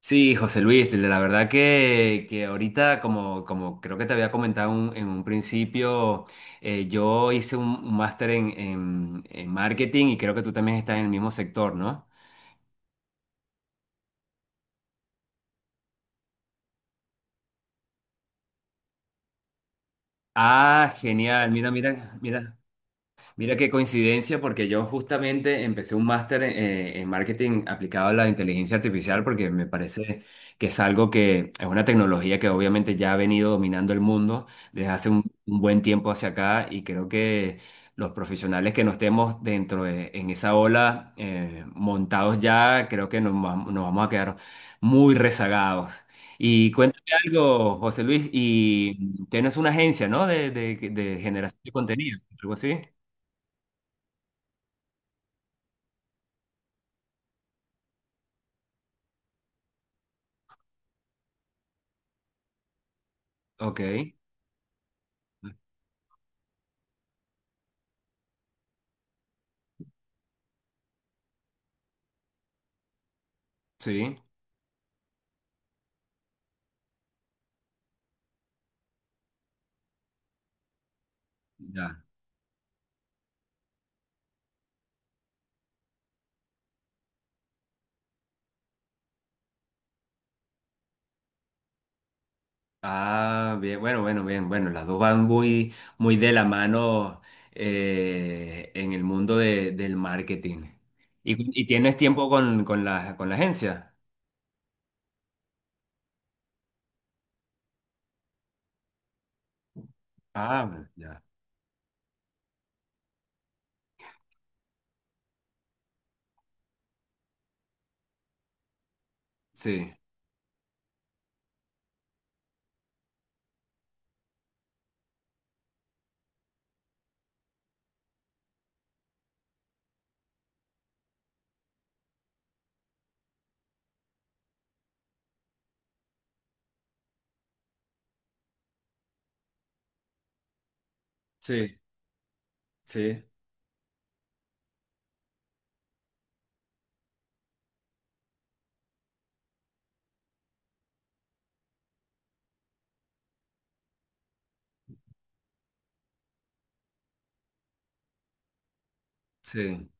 Sí, José Luis, la verdad que ahorita, como creo que te había comentado en un principio, yo hice un máster en marketing y creo que tú también estás en el mismo sector, ¿no? Ah, genial, mira, mira, mira. Mira qué coincidencia, porque yo justamente empecé un máster en marketing aplicado a la inteligencia artificial, porque me parece que es algo que es una tecnología que obviamente ya ha venido dominando el mundo desde hace un buen tiempo hacia acá y creo que los profesionales que no estemos dentro de en esa ola montados ya, creo que nos, nos vamos a quedar muy rezagados. Y cuéntame algo, José Luis, y tienes una agencia, ¿no? De, de generación de contenido, algo así. Ok, sí, ya. Ah, bien, bueno, bueno, bien, bueno, las dos van muy, muy de la mano en el mundo del marketing. Y tienes tiempo con la agencia? Ah, bueno, ya. Sí, sí, sí, sí,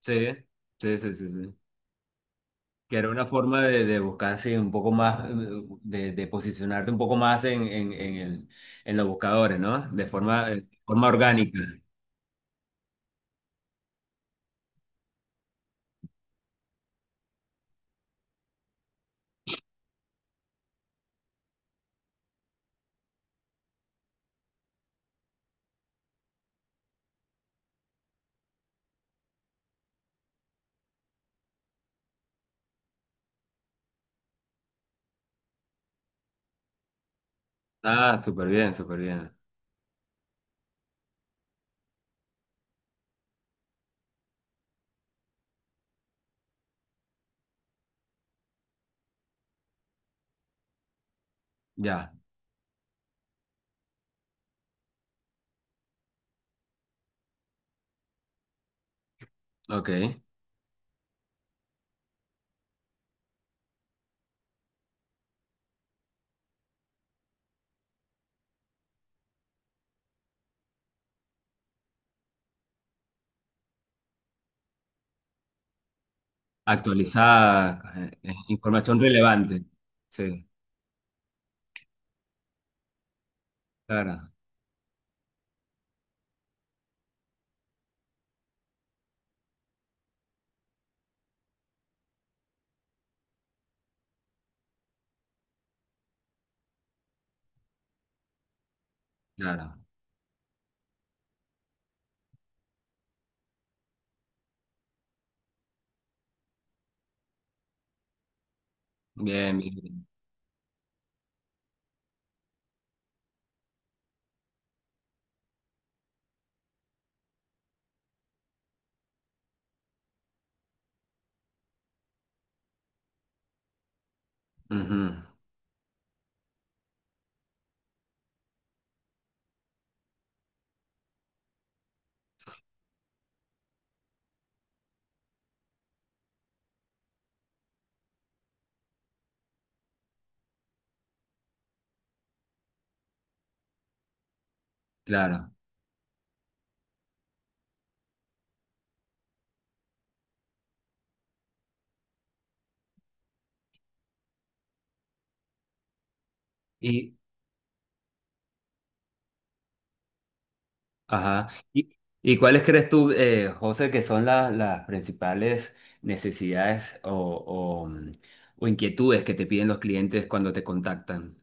sí, sí, sí, sí, sí. Que era una forma de buscar, sí, un poco más, de posicionarte un poco más en el, en los buscadores, ¿no? De forma orgánica. Ah, súper bien, súper bien. Ya, ok. Actualizada, información relevante. Sí, claro, claro. Bien, bien, bien. Ujú, claro. Y, ajá. ¿Y, y cuáles crees tú, José, que son las principales necesidades o, o inquietudes que te piden los clientes cuando te contactan?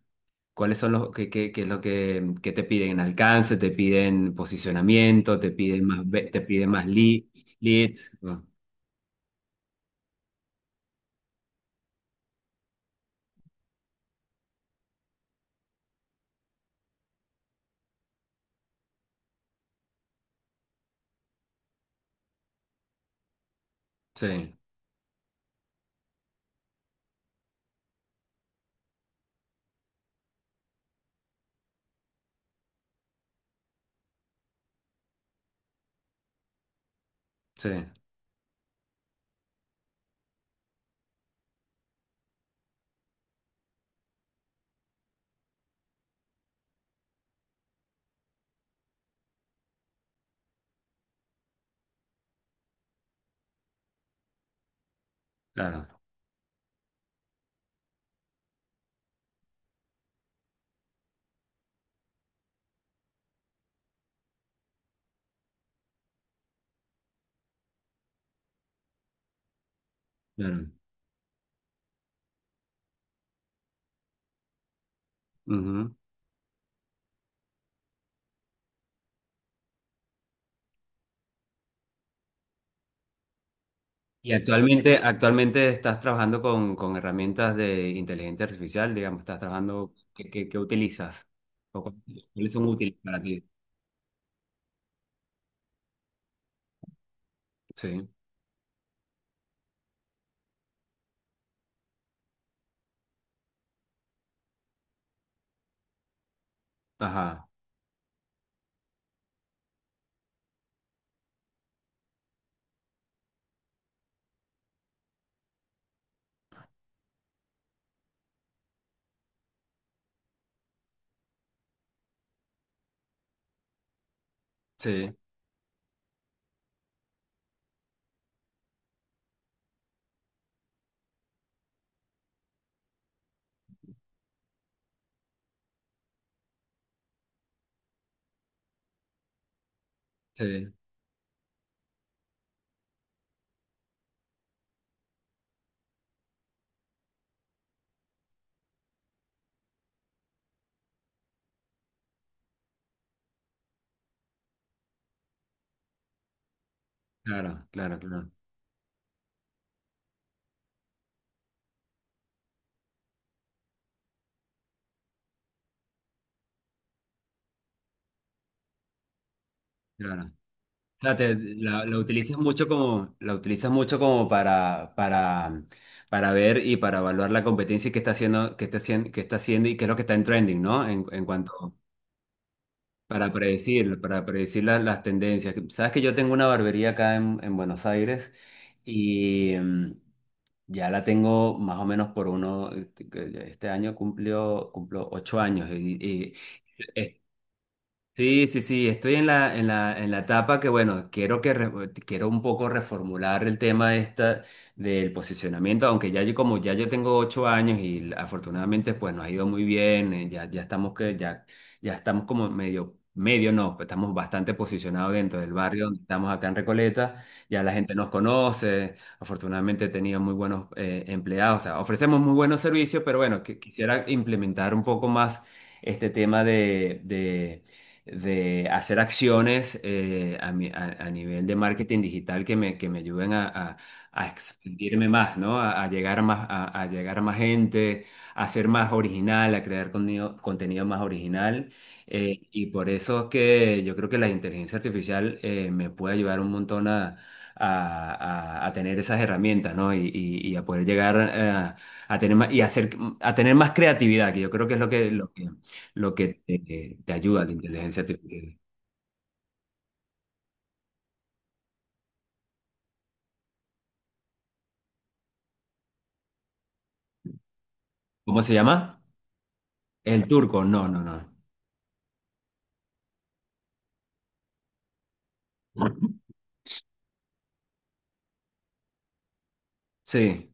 ¿Cuáles son los que, qué, qué es lo que te piden? ¿Alcance? ¿Te piden posicionamiento? ¿Te piden más, te piden más lead, leads? Mm. Sí, sí, claro, claro. Ujú. Y actualmente, actualmente estás trabajando con herramientas de inteligencia artificial, digamos, estás trabajando, ¿qué, qué, qué utilizas? ¿O cuáles son útiles para ti? Sí, ajá, sí, sí, claro, claro, claro, claro. Sea, la, la utilizas mucho como, la utilizas mucho como para ver y para evaluar la competencia y qué está haciendo, qué está haciendo, qué está haciendo y qué es lo que está en trending, ¿no? En cuanto para predecir las tendencias. Sabes que yo tengo una barbería acá en Buenos Aires y mm, ya la tengo más o menos por uno, este año cumplió, cumplo ocho años y sí, sí, sí, estoy en la, en la, en la etapa que, bueno, quiero, que quiero un poco reformular el tema esta del posicionamiento, aunque ya yo, como ya yo tengo 8 años y afortunadamente pues nos ha ido muy bien, ya, ya estamos que, ya, ya estamos como medio, medio no, pues, estamos bastante posicionados dentro del barrio donde estamos acá en Recoleta, ya la gente nos conoce, afortunadamente he tenido muy buenos empleados, o sea, ofrecemos muy buenos servicios, pero bueno, quisiera implementar un poco más este tema de de hacer acciones a, a nivel de marketing digital que me ayuden a, a expandirme más, ¿no? A llegar más, a llegar a más gente, a ser más original, a crear contenido, contenido más original. Y por eso es que yo creo que la inteligencia artificial me puede ayudar un montón a, a- a tener esas herramientas, ¿no? Y, y a poder llegar a tener más, y hacer, a tener más creatividad, que yo creo que es lo que, lo que lo que te ayuda la inteligencia artificial. ¿Cómo se llama? El Turco. No, no, no. Sí.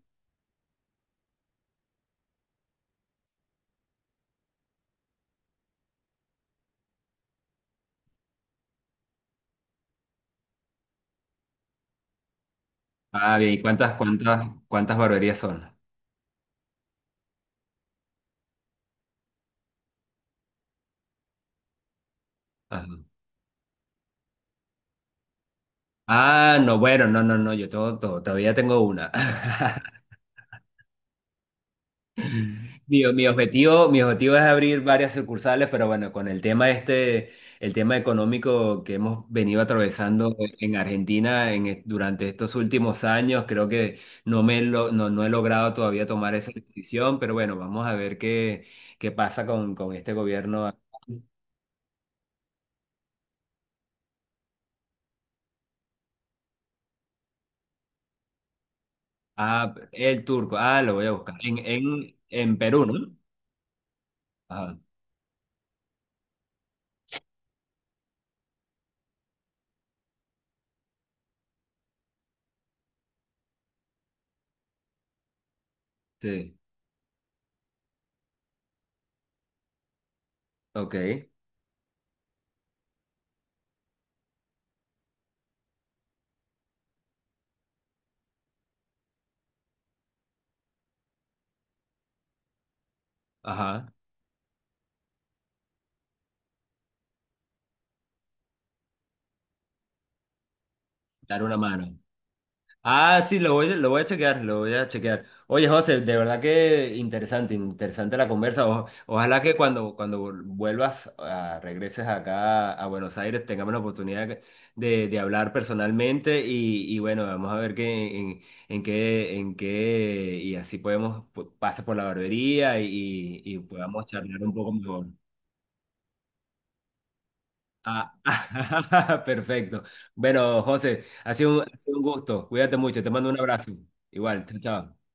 Ah, bien. ¿Y cuántas, cuántas, cuántas barberías son? Ajá. Ah, no, bueno, no, no, no. Yo todo, todavía tengo una. Mi, mi objetivo es abrir varias sucursales, pero bueno, con el tema este, el tema económico que hemos venido atravesando en Argentina en, durante estos últimos años, creo que no me no, no he logrado todavía tomar esa decisión, pero bueno, vamos a ver qué, qué pasa con este gobierno. Ah, el Turco, ah, lo voy a buscar. En Perú, ¿no? Ajá, sí, ok, ajá, dar una mano. Ah, sí, lo voy a chequear, lo voy a chequear. Oye, José, de verdad que interesante, interesante la conversa. Ojalá que cuando, cuando vuelvas, regreses acá a Buenos Aires, tengamos la oportunidad de hablar personalmente y bueno, vamos a ver qué, en qué, y así podemos, pasas por la barbería y podamos charlar un poco mejor. Ah, perfecto. Bueno, José, ha sido un gusto. Cuídate mucho, te mando un abrazo. Igual, chao, chao.